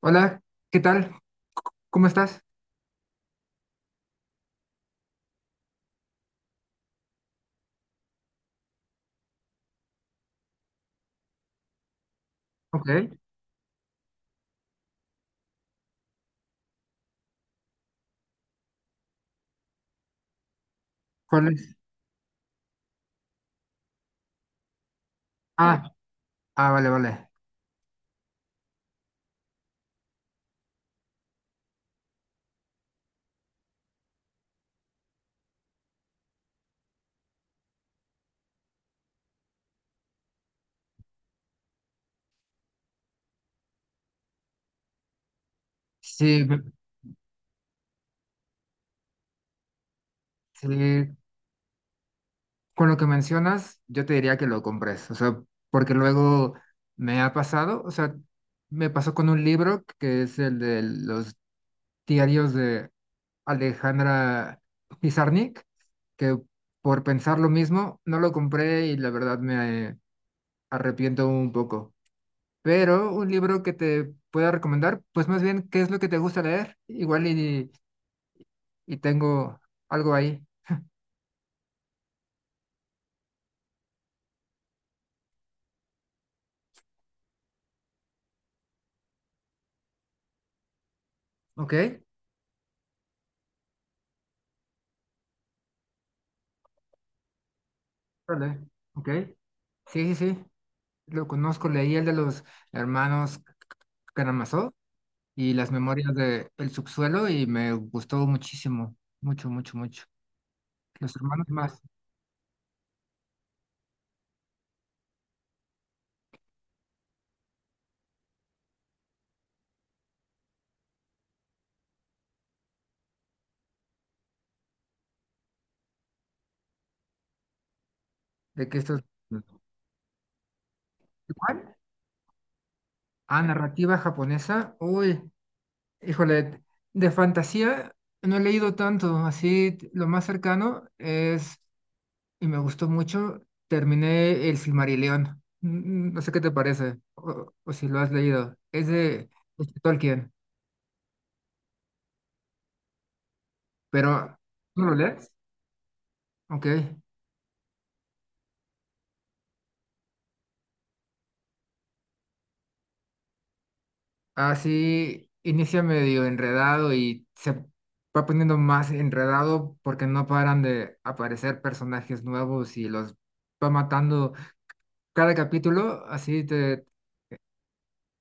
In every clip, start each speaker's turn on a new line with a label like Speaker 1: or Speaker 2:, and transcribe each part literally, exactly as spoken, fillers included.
Speaker 1: Hola, ¿qué tal? ¿Cómo estás? Ok, ¿cuál es? Ah, ah, vale, vale. Sí, me- sí, con lo que mencionas, yo te diría que lo compres, o sea, porque luego me ha pasado, o sea, me pasó con un libro que es el de los diarios de Alejandra Pizarnik, que por pensar lo mismo, no lo compré y la verdad me arrepiento un poco. Pero un libro que te pueda recomendar, pues más bien, ¿qué es lo que te gusta leer? Igual y y tengo algo ahí. Ok, vale, ok. Sí, sí, sí. Lo conozco, leí el de los hermanos Karamazov y las memorias de El subsuelo y me gustó muchísimo, mucho, mucho, mucho. Los hermanos más, de que estos... ¿Cuál? Ah, narrativa japonesa. Uy, híjole, de fantasía no he leído tanto, así lo más cercano es y me gustó mucho. Terminé El Silmarillion. Mm, mm, No sé qué te parece o, o si lo has leído. Es de, es de Tolkien, pero ¿tú lo lees? Ok. Así inicia medio enredado y se va poniendo más enredado porque no paran de aparecer personajes nuevos y los va matando. Cada capítulo, así te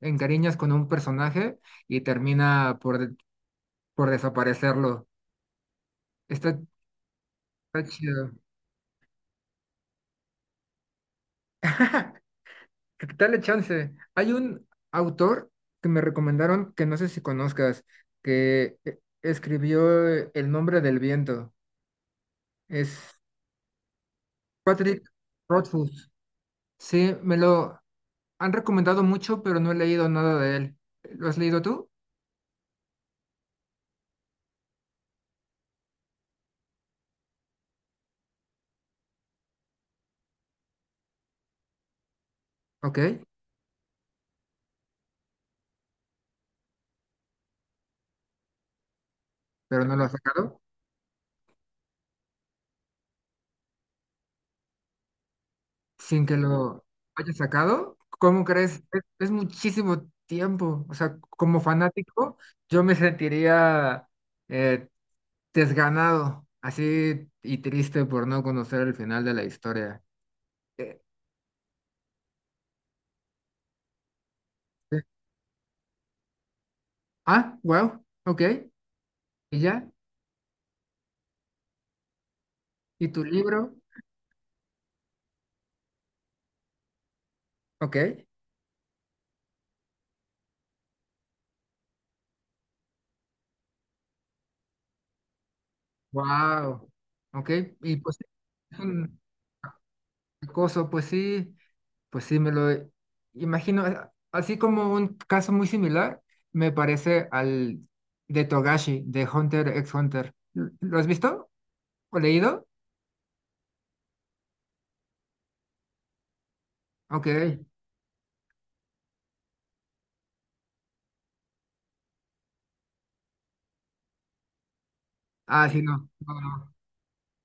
Speaker 1: encariñas con un personaje y termina por, de- por desaparecerlo. Está, está chido. que- Dale chance. Hay un autor que me recomendaron que no sé si conozcas, que eh, escribió eh, El nombre del viento. Es Patrick Rothfuss. Sí, me lo han recomendado mucho, pero no he leído nada de él. ¿Lo has leído tú? Ok, pero no lo has sacado. Sin que lo hayas sacado. ¿Cómo crees? Es, es muchísimo tiempo. O sea, como fanático, yo me sentiría eh, desganado, así y triste por no conocer el final de la historia. Eh, eh, ah, wow, ok, y ya, y tu libro, ok, wow, ok, y pues es un acoso, pues sí, pues sí, me lo imagino, eh, así como un caso muy similar, me parece al de Togashi, de Hunter x Hunter. ¿Lo lo has visto o leído? Ok, ah, sí, no, no, no.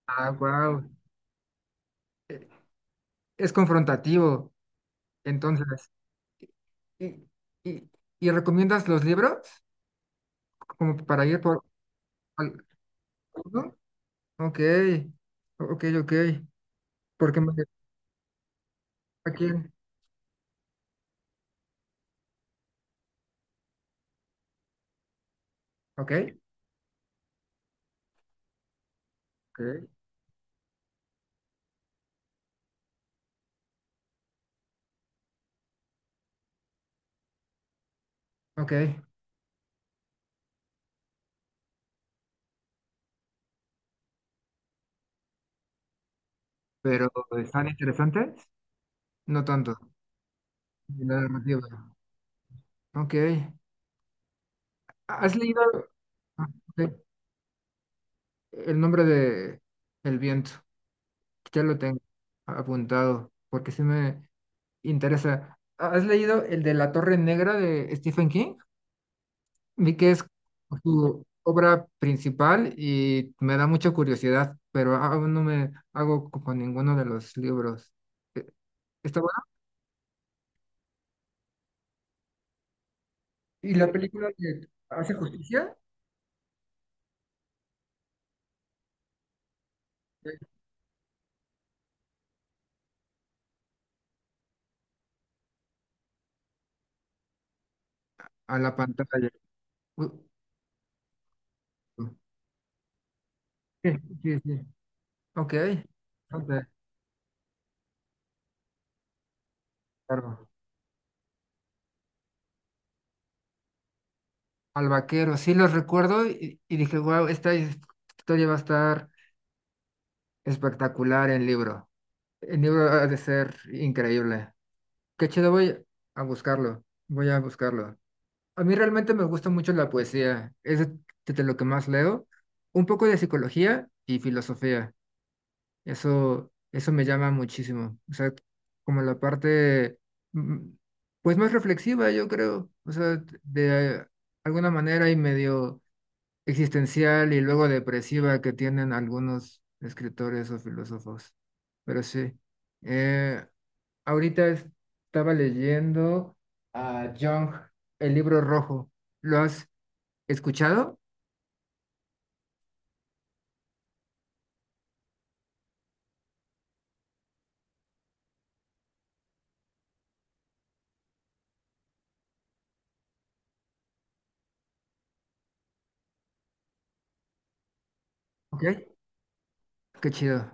Speaker 1: Ah, wow, es confrontativo. Entonces, ¿y, y- ¿y recomiendas los libros como para ir por al- alguno? Ok, ok, ok. Porque me aquí, ok, ok, ok. Pero ¿están interesantes? No tanto. Y La narrativa. Ok. ¿Has leído ah, ok, ¿el nombre de El viento? Ya lo tengo apuntado porque sí me interesa. ¿Has leído el de La Torre Negra de Stephen King? Vi que es tu obra principal y me da mucha curiosidad, pero aún no me hago co- con ninguno de los libros. Eh, ¿Está bueno? ¿Y la película que hace justicia? Sí. A la pantalla. U- sí, sí, sí. Ok. Bastante claro. Al vaquero, sí los recuerdo y, y dije, wow, esta his- historia va a estar espectacular en libro. El libro ha de ser increíble. Qué chido, voy a buscarlo. Voy a buscarlo. A mí realmente me gusta mucho la poesía, es de, de lo que más leo, un poco de psicología y filosofía, eso, eso me llama muchísimo, o sea, como la parte, mm, pues más reflexiva, yo creo, o sea, de alguna manera y medio existencial y luego depresiva que tienen algunos escritores o filósofos, pero sí. Eh, ahorita estaba leyendo a Jung, El libro rojo, ¿lo has ¿escuchado? Ok, qué chido.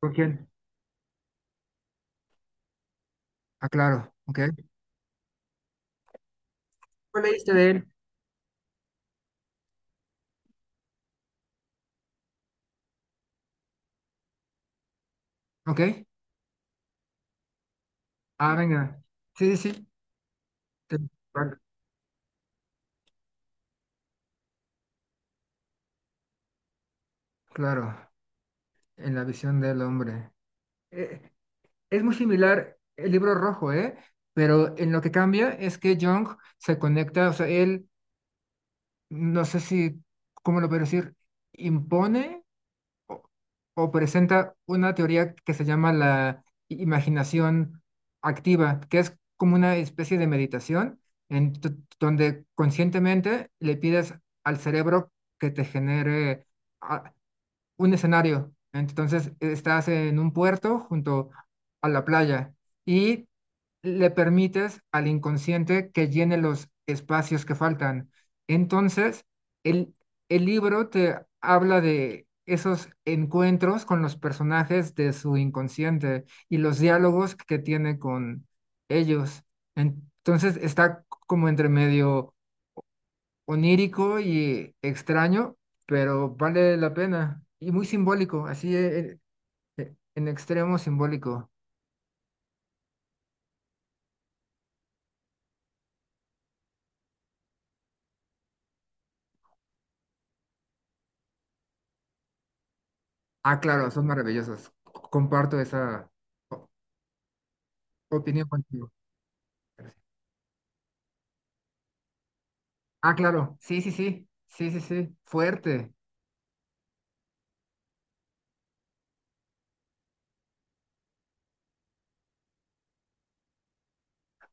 Speaker 1: ¿Con quién? Ah, claro, ok. ¿Cuál leíste de él? Ok. Ah, venga. Sí, sí, sí. Te- vale. Claro, en la visión del hombre. Eh, es muy similar el libro rojo, ¿eh? Pero en lo que cambia es que Jung se conecta, o sea, él, no sé si, ¿cómo lo puedo decir? Impone o, o presenta una teoría que se llama la i- imaginación activa, que es como una especie de meditación en t- donde conscientemente le pides al cerebro que te genere a- un escenario. Entonces estás en un puerto junto a la playa y le permites al inconsciente que llene los espacios que faltan. Entonces, el, el libro te habla de esos encuentros con los personajes de su inconsciente y los diálogos que tiene con ellos. Entonces está como entre medio onírico y extraño, pero vale la pena. Y muy simbólico, así eh, eh, en, extremo simbólico. Ah, claro, son maravillosos. Comparto esa o- opinión contigo. Gracias. Ah, claro, sí, sí, sí, sí, sí, sí, fuerte.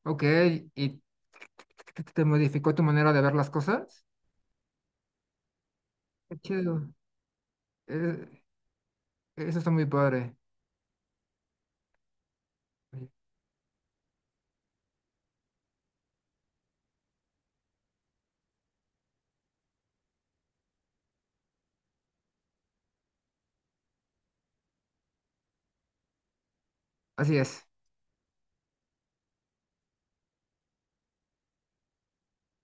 Speaker 1: Ok, ¿y te te modificó tu manera de ver las cosas? Qué chido. Eh, eso está muy padre. Así es,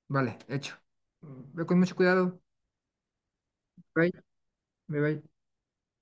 Speaker 1: vale, hecho. Ve con mucho cuidado. Bye, bye, bye.